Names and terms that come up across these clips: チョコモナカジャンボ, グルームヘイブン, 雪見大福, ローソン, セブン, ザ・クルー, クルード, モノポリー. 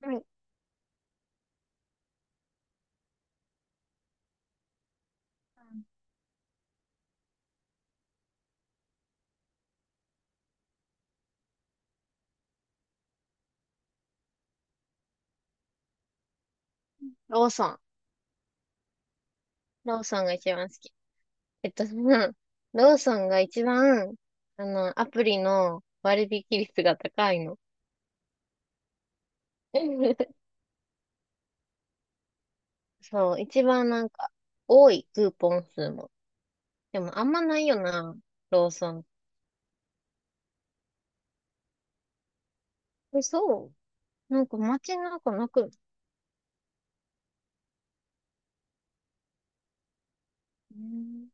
はい。ローソン。ローソンが一番好き。えっと、その、ローソンが一番、アプリの割引率が高いの。そう、一番なんか、多いクーポン数も。でも、あんまないよな、ローソン。え、そう。なんか街の中なく、うん、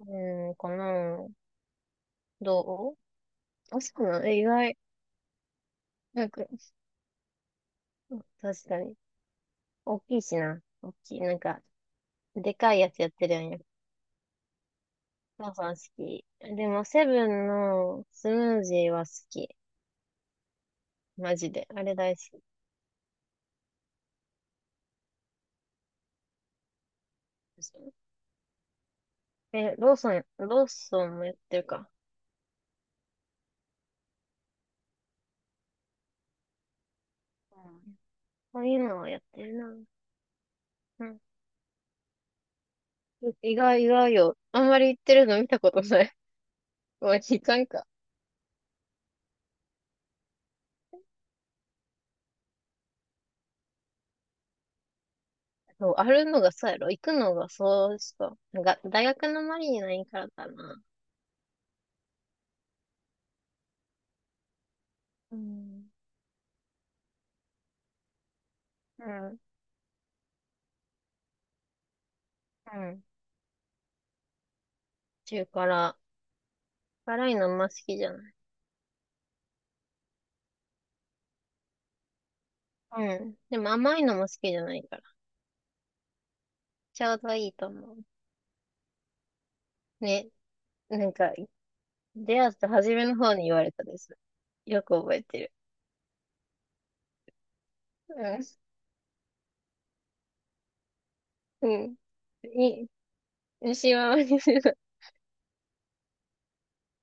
うんかな。どあ、そうなの。え、意外。なんか、確かに。大きいしな。大きい。なんか、でかいやつやってるやん。母さん好き。でも、セブンのスムージーは好き。マジで。あれ大好きでしょ。え、ローソンもやってるか。うん。こういうのはやってるな。うん。意外、意外よ。あんまり行ってるの見たことない。まあん、いかんか。そう、あるのがそうやろ。行くのがそうしか。なんか、大学の周りにないからかな。うん。うん。うん。中辛。辛いのあんま好きじゃない。うん。でも甘いのも好きじゃないから。ちょうどいいと思う。ね。なんか、出会った初めの方に言われたです。よく覚えてる。うん。うん。い、牛は割にする。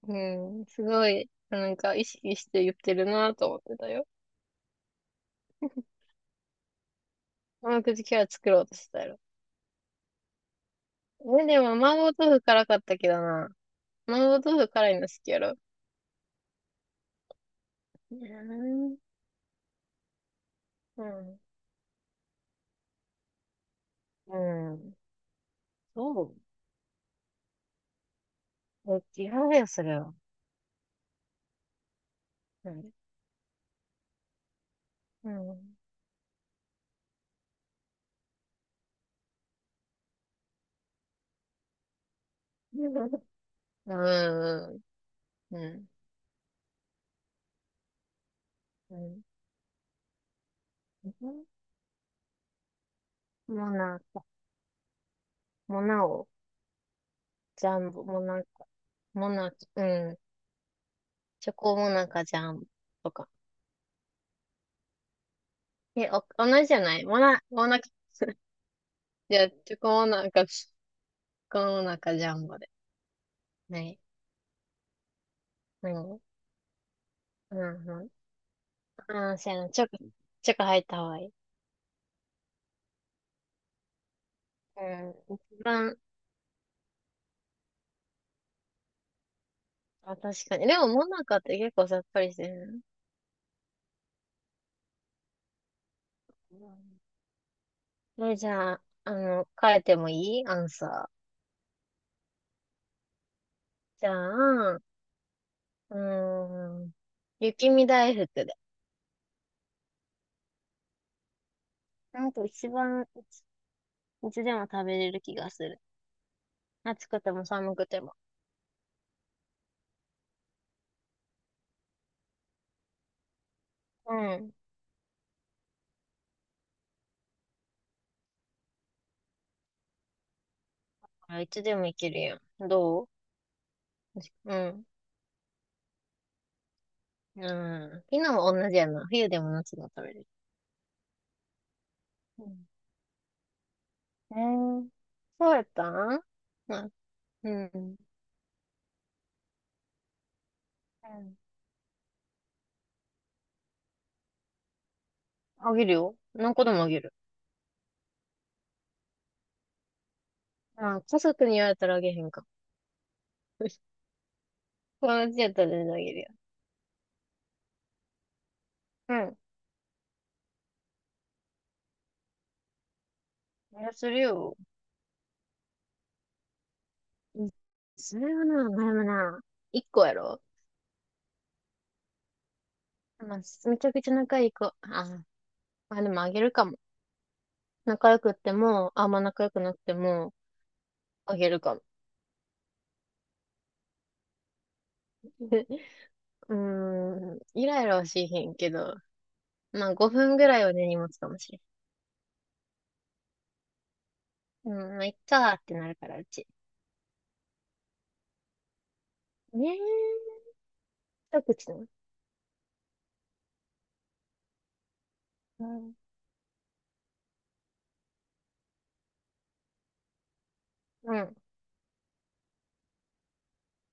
うん。すごい、なんか意識して言ってるなと思ってたよ。甘口キャラ作ろうとしてたやろ。え、でも、麻婆豆腐辛かったけどな。麻婆豆腐辛いの好きやろ？うん。うん。うん。そう。え、違うよ、それは。うん。うん。うん。うん。うん。うん。もうな、もうなお。ジャンボ、もなか、もなか、うん。チョコモナカジャンボとか。え、お、同じじゃない？モナカ、いや、チョコモナカジャンボで。はい。何うんうん。ああ、そうやな。チョコ入った方がいい。うん。あ、確かに。でも、モナカって結構さっぱりしてるな。え、じゃあ、変えてもいいアンサー？じゃあ、うーん。雪見大福で。なんか一番、いつでも食べれる気がする。暑くても寒くても。うん。あいつでもいけるやん。うん。うん。昨日も同じやな。冬でも夏でも食べれる。うん。えー、そうやったん。まあ、うん。うん。あげるよ。何個でもあげる。まあ、家族に言われたらあげへんか。友達やったら全然あげるよ。うん。いや、するよ。うん。それはな、でもな、一個やろ？まあ、めちゃくちゃ仲いい子。あ、まあでもあげるかも。仲良くっても、あんま仲良くなくても、あげるかも。うーん、イライラはしへんけど、まあ5分ぐらいは根に持つかもしれん。うん、まあ、いっかーってなるから、うち。ねえ、一口なの。うん、うん、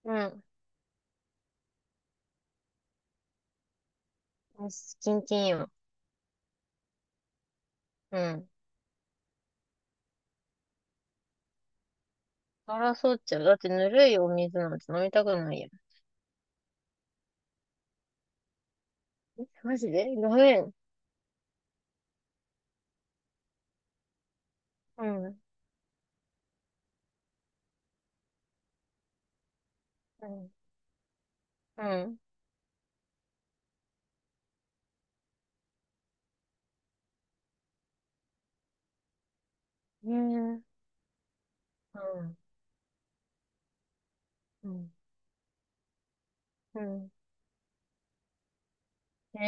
うん。よし、キンキンよ。うん。争っちゃう。だってぬるいお水なんて飲みたくないやん。え、マジでごめん。うん、うん、うん。ねえ、うん、うん、うん。え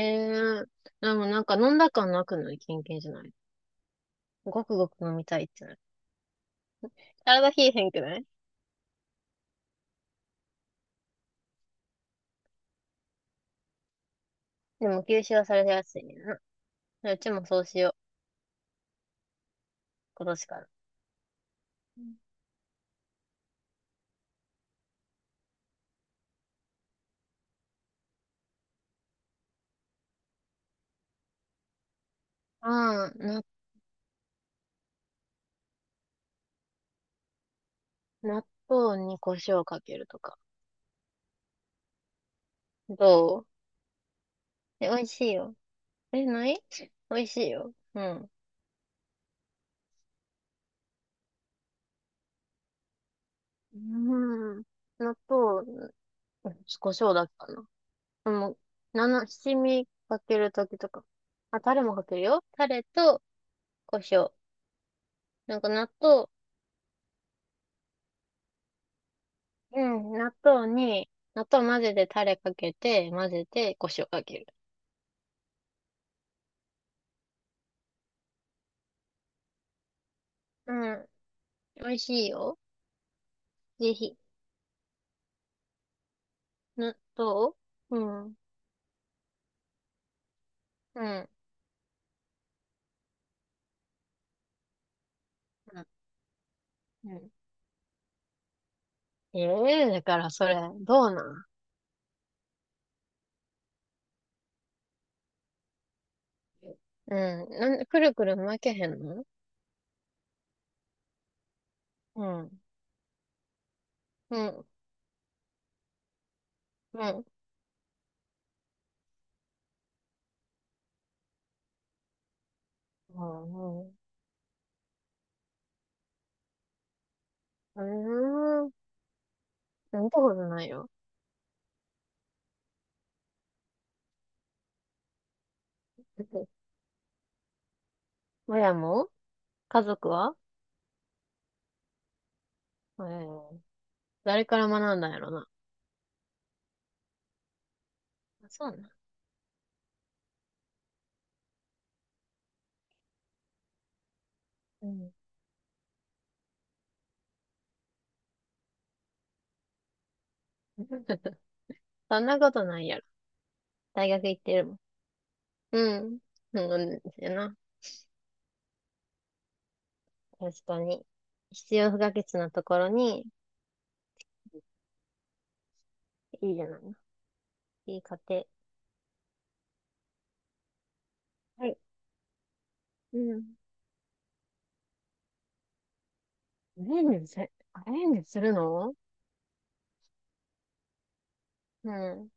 え、でもなんか飲んだ感なくない？キンキンじゃない、ごくごく飲みたいってなる。体冷えへんくない？でも吸収はされてやすいねんな。うちもそうしよう。今年から。うん、納豆に胡椒かけるとか。どうえ、美味しいよ。え、ない？美味しいよ。うん。うん。納豆、胡椒だっけかな。でも、七味かけるときとか。あ、タレもかけるよ。タレと胡椒。なんか納豆、うん、納豆に、納豆混ぜてタレかけて、混ぜて、胡椒かける。うん。美味しいよ。ぜひ。納豆うん。うん。うん。うん。ええ、だからそれ、どうなん？うん。なんで、くるくる巻けへんの？うん。うん。うん。うん。うん。うーん。見たことないよ。親も？家族は？えー、誰から学んだんやろな。あ、そうなん。うん。そんなことないやろ。大学行ってるもん。うん。うんですよな。確かに。必要不可欠なところに、いいじゃないの。いい家庭。はい。うん。アレンジするの？うん。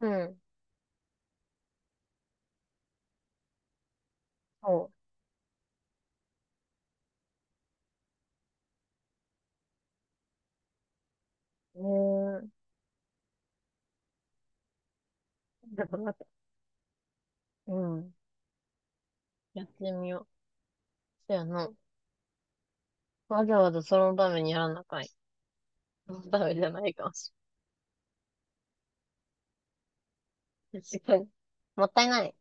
うん。そう。うーん。だから、うん。やってみよう。そうやな。わざわざそのためにやらなあかい。そのためじゃないかもしれない。確かに。もったいない。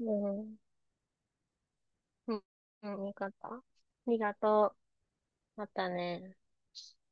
うん。うん。うん。よかった。ありがとう。またね。